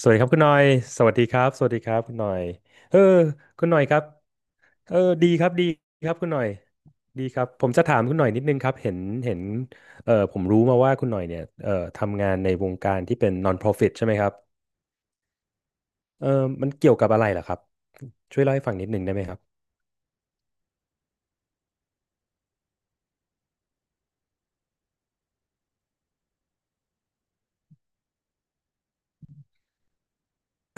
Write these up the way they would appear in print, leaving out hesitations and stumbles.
สวัสดีครับคุณหน่อย สวัสดีครับ สวัสดีครับคุณหน่อยเออคุณหน่อยครับเออดีครับดีครับคุณหน่อยดีครับ ผมจะถามคุณหน่อยนิดนึงครับ เห็นผมรู้มาว่าคุณหน่อยเนี่ยทำงานในวงการที่เป็น non-profit ใช่ไหมครับเออมันเกี่ยวกับอะไรเหรอครับช่วยเล่าให้ฟังนิดนึงได้ไหมครับ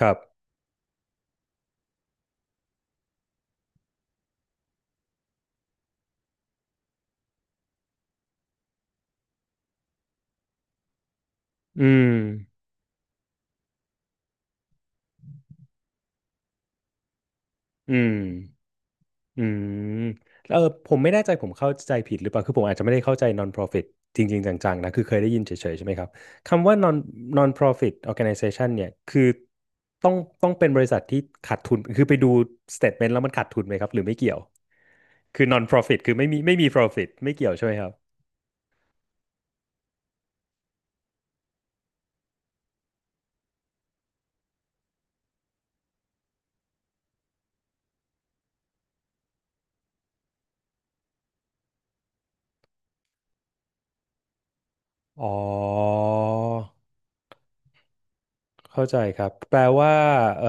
ครับอืมอืม อืมแล้วผมไม่แน่ใจผมเข้าใจผิดหรือเปล่าคือผมอาจจะไม่ได้เข้าใจ non-profit จริงๆจังๆนะคือเคยได้ยินเฉยๆใช่ไหมครับคำว่า non non-profit organization เนี่ยคือต้องต้องเป็นบริษัทที่ขาดทุนคือไปดู statement แล้วมันขาดทุนไหมครับหรือไม่เกี่ยวคือ non-profit คือไม่มี profit ไม่เกี่ยวใช่ไหมครับอ๋อ เข้าใจครับแปลว่าเอ่อ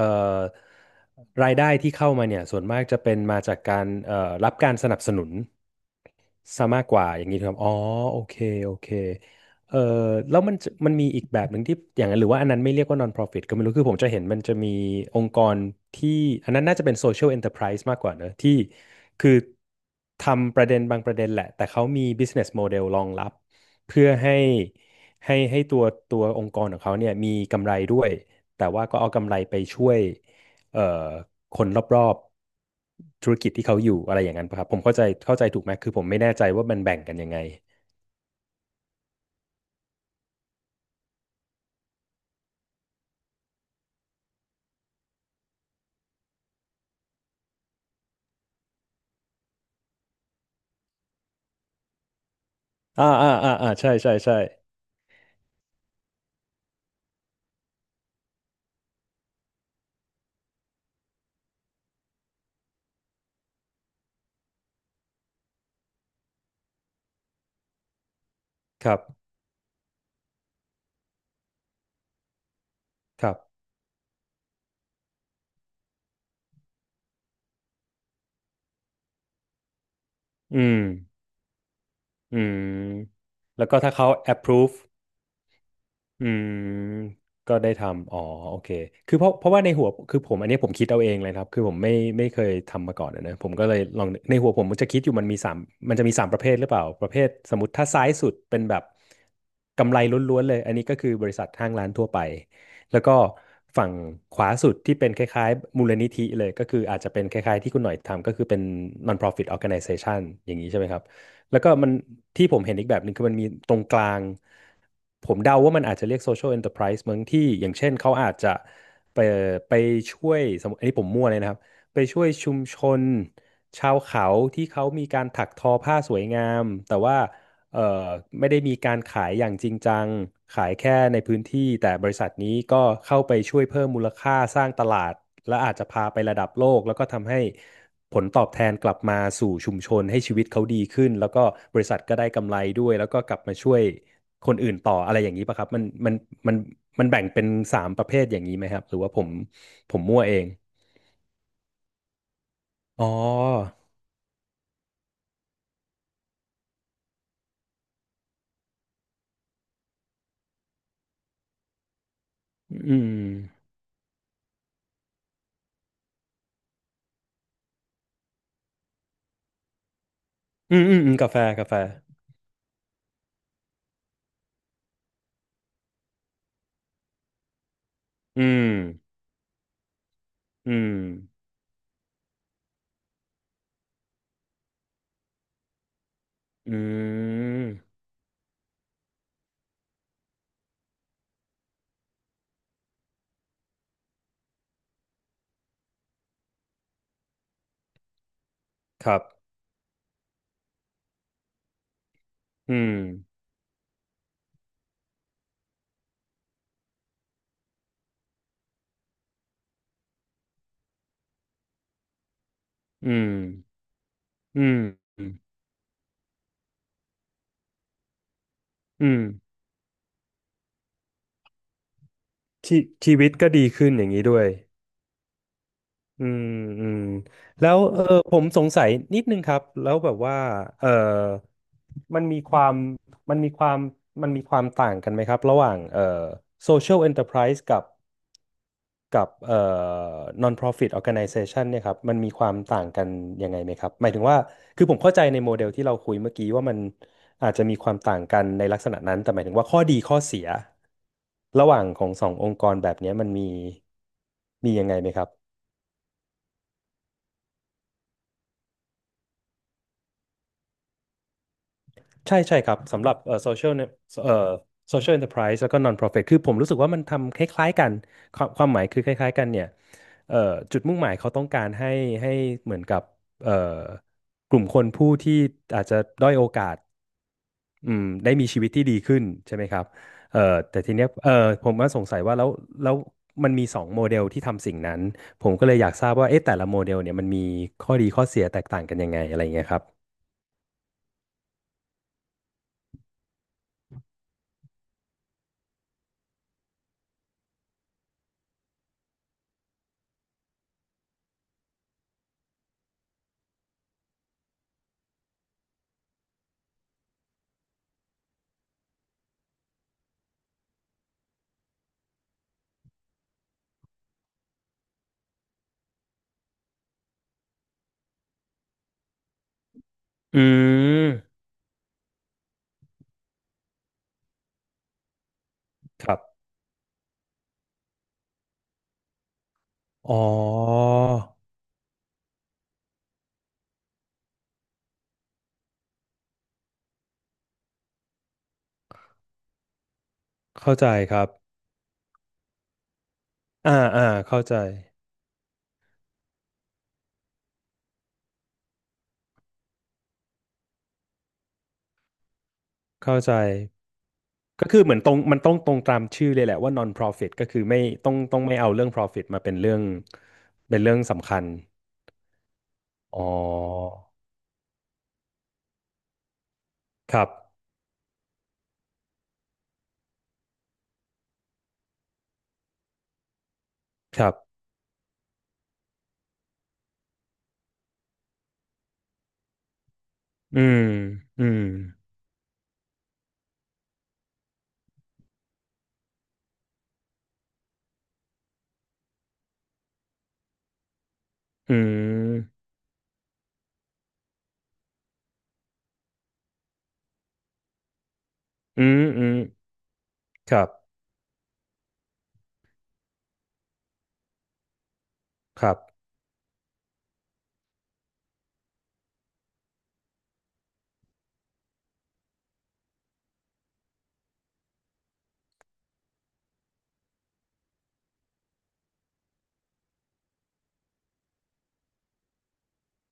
รายได้ที่เข้ามาเนี่ยส่วนมากจะเป็นมาจากการรับการสนับสนุนซะมากกว่าอย่างนี้ถูกครับอ๋อโอเคโอเคเอ่อแล้วมันจะมันมีอีกแบบหนึ่งที่อย่างนั้นหรือว่าอันนั้นไม่เรียกว่า non-profit ก็ไม่รู้คือผมจะเห็นมันจะมีองค์กรที่อันนั้นน่าจะเป็น social enterprise มากกว่าเนอะที่คือทำประเด็นบางประเด็นแหละแต่เขามี business model รองรับเพื่อให้ ให้ให้ตัวองค์กรของเขาเนี่ยมีกำไรด้วยแต่ว่าก็เอากำไรไปช่วยเอ่อคนรอบๆธุรกิจที่เขาอยู่อะไรอย่างนั้นปะครับผมเข้าใจเข้าใจถูกไหมคือผมไม่แน่ใจว่ามันแบ่งกันยังไงอ่าอ่าอ่าอ่าใช่ใช่ใช่ครับครับอืมอืมแล้วก็ถ้าเขา approve อืมก็ได้ทำอ๋อโอเคคือเพราะว่าในหัวคือผมอันนี้ผมคิดเอาเองเลยครับคือผมไม่เคยทำมาก่อนอะนะผมก็เลยลองในหัวผมมันจะคิดอยู่มันจะมีสามประเภทหรือเปล่าประเภทสมมติถ้าซ้ายสุดเป็นแบบกำไรล้วนๆเลยอันนี้ก็คือบริษัทห้างร้านทั่วไปแล้วก็ฝั่งขวาสุดที่เป็นคล้ายๆมูลนิธิเลยก็คืออาจจะเป็นคล้ายๆที่คุณหน่อยทำก็คือเป็น non-profit organization อย่างนี้ใช่ไหมครับ แล้วก็มันที่ผมเห็นอีกแบบหนึ่งคือมันมีตรงกลางผมเดาว่ามันอาจจะเรียก social enterprise มั้งที่อย่างเช่นเขาอาจจะไปไปช่วยสมมติอันนี้ผมมั่วเลยนะครับไปช่วยชุมชนชาวเขาที่เขามีการถักทอผ้าสวยงามแต่ว่า เอ่อไม่ได้มีการขายอย่างจริงจังขายแค่ในพื้นที่แต่บริษัทนี้ก็เข้าไปช่วยเพิ่มมูลค่าสร้างตลาดและอาจจะพาไประดับโลกแล้วก็ทำให้ผลตอบแทนกลับมาสู่ชุมชนให้ชีวิตเขาดีขึ้นแล้วก็บริษัทก็ได้กำไรด้วยแล้วก็กลับมาช่วยคนอื่นต่ออะไรอย่างนี้ป่ะครับมันมันแบ่งเป็นสามประเภทอย่างนี้ไหมครับหรือว่าผมมั่วเองอ๋ออืมอืมอืมอืมกาแฟกาแฟอืมอืมอืม ครับ อืม อืม อืม อืมชีชีวิตก็ดีขึ้นอย่างนี้ด้วย อืมอืมแล้วผมสงสัยนิดนึงครับแล้วแบบว่าเออมันมีความมันมีความมันมีความต่างกันไหมครับระหว่างsocial enterprise กับกับnon-profit organization เนี่ยครับมันมีความต่างกันยังไงไหมครับหมายถึงว่าคือผมเข้าใจในโมเดลที่เราคุยเมื่อกี้ว่ามันอาจจะมีความต่างกันในลักษณะนั้นแต่หมายถึงว่าข้อดีข้อเสียระหว่างของสององค์กรแบบเนี้ยมันมียังไงไหมครับ ใช่ใช่ครับสำหรับโซเชียลเนี่ยเอ่อโซเชียลเอนตอร์สแล้วก็นอน profit คือผมรู้สึกว่ามันทำคล้ายๆกันความความหมายคือคล้ายๆกันเนี่ยเอ่อจุดมุ่งหมายเขาต้องการให้ให้เหมือนกับเอ่อกลุ่มคนผู้ที่อาจจะด้อยโอกาสอืมได้มีชีวิตที่ดีขึ้นใช่ไหมครับเอ่อแต่ทีเนี้ยผมก็สงสัยว่าแล้วมันมีสองโมเดลที่ทำสิ่งนั้นผมก็เลยอยากทราบว่าเอ๊ะแต่ละโมเดลเนี่ยมันมีข้อดีข้อเสียแตกต่างกันยังไงอะไรเงี้ยครับอืมครับ อ๋อเข้าใจครับอ่าอ่าเข้าใจเข้าใจก็คือเหมือนตรงมันต้องตรงตามชื่อเลยแหละว่า non-profit ก็คือไม่ต้องไม่เอาเรื่อง profit มาเป็นเรื่องเป็นเรื่องสำคัญอ๋อครับครับอืมอืมอืมอืมอืมครับครับ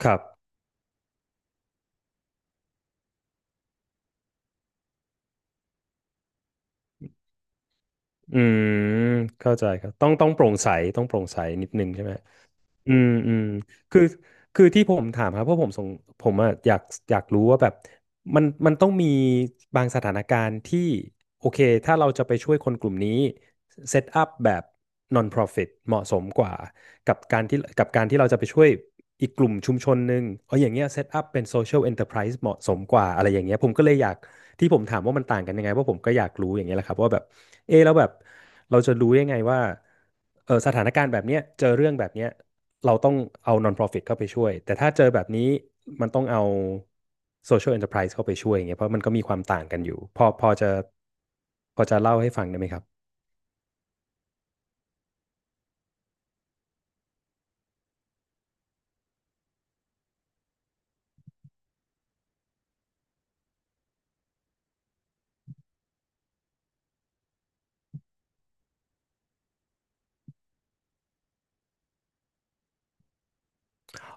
ครับอืมเข้าใจครับต้องโปร่งใสต้องโปร่งใสนิดนึงใช่ไหม อืมอืมคือคือที่ผมถามครับเพราะผมสงผมอะอยากอยากรู้ว่าแบบมันต้องมีบางสถานการณ์ที่โอเคถ้าเราจะไปช่วยคนกลุ่มนี้เซตอัพแบบ non-profit เหมาะสมกว่ากับการที่เราจะไปช่วยอีกกลุ่มชุมชนหนึ่งเอาอย่างเงี้ยเซตอัพเป็น social enterprise เหมาะสมกว่าอะไรอย่างเงี้ยผมก็เลยอยาก ที่ผมถามว่ามันต่างกันยังไงเพราะผมก็อยากรู้อย่างเงี้ยแหละครับว่าแบบเออแล้วแบบเราจะรู้ยังไงว่าเออสถานการณ์แบบเนี้ยเจอเรื่องแบบเนี้ยเราต้องเอา non-profit เข้าไปช่วยแต่ถ้าเจอแบบนี้มันต้องเอา social enterprise เข้าไปช่วยอย่างเงี้ยเพราะมันก็มีความต่างกันอยู่พอจะพอจะเล่าให้ฟังได้ไหมครับ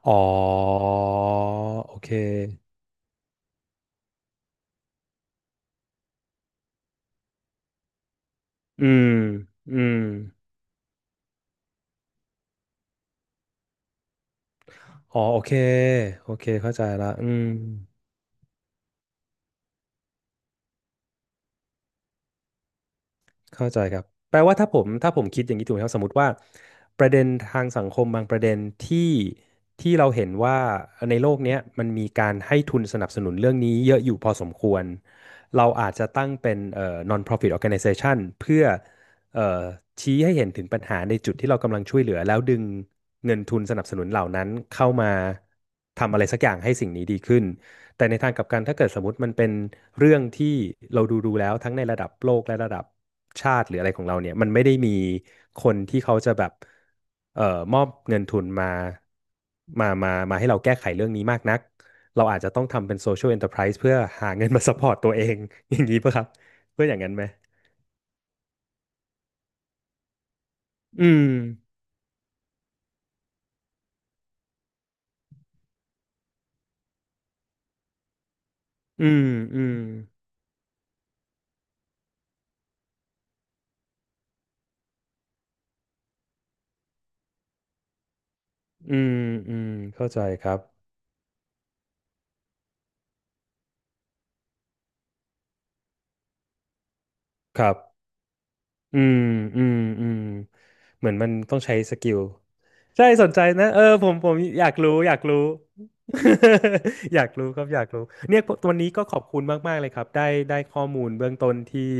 อ๋อโอเคอืมอืมอ๋อโอเคโอเคเข้าใจละอืม เข้าใจครับแปลว่าถ้าผมคิดอย่างนี้ถูกไหมครับสมมติว่าประเด็นทางสังคมบางประเด็นที่ที่เราเห็นว่าในโลกเนี้ยมันมีการให้ทุนสนับสนุนเรื่องนี้เยอะอยู่พอสมควรเราอาจจะตั้งเป็นnon-profit organization เพื่อเอ่อชี้ให้เห็นถึงปัญหาในจุดที่เรากำลังช่วยเหลือแล้วดึงเงินทุนสนับสนุนเหล่านั้นเข้ามาทำอะไรสักอย่างให้สิ่งนี้ดีขึ้น แต่ในทางกลับกันถ้าเกิดสมมติมันเป็นเรื่องที่เราดูดูแล้วทั้งในระดับโลกและระดับชาติหรืออะไรของเราเนี่ยมันไม่ได้มีคนที่เขาจะแบบเอ่อมอบเงินทุนมาให้เราแก้ไขเรื่องนี้มากนักเราอาจจะต้องทำเป็นโซเชียล n อน e ต p r i s e เพื่อหาเงินมาซัพพอร์ตตัวเอง อย่างนี้ป่ะครับเพื่ออย่างนั้นไหมอืมอืมอืมอืมอืมเข้าใจครับครับ อืมอืมอืมเหมือนมันต้องใช้สกิลใช่สนใจนะเออผมอยากรู้อยากรู้ อยากรู้ครับอยากรู้เนี่ยวันนี้ก็ขอบคุณมากๆเลยครับได้ได้ข้อมูลเบื้องต้นที่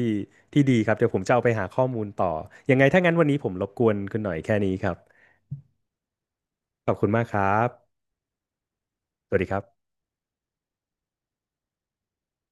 ที่ดีครับเดี๋ยวผมจะเอาไปหาข้อมูลต่อยังไงถ้างั้นวันนี้ผมรบกวนคุณหน่อยแค่นี้ครับขอบคุณมากครับสวัสดีครับ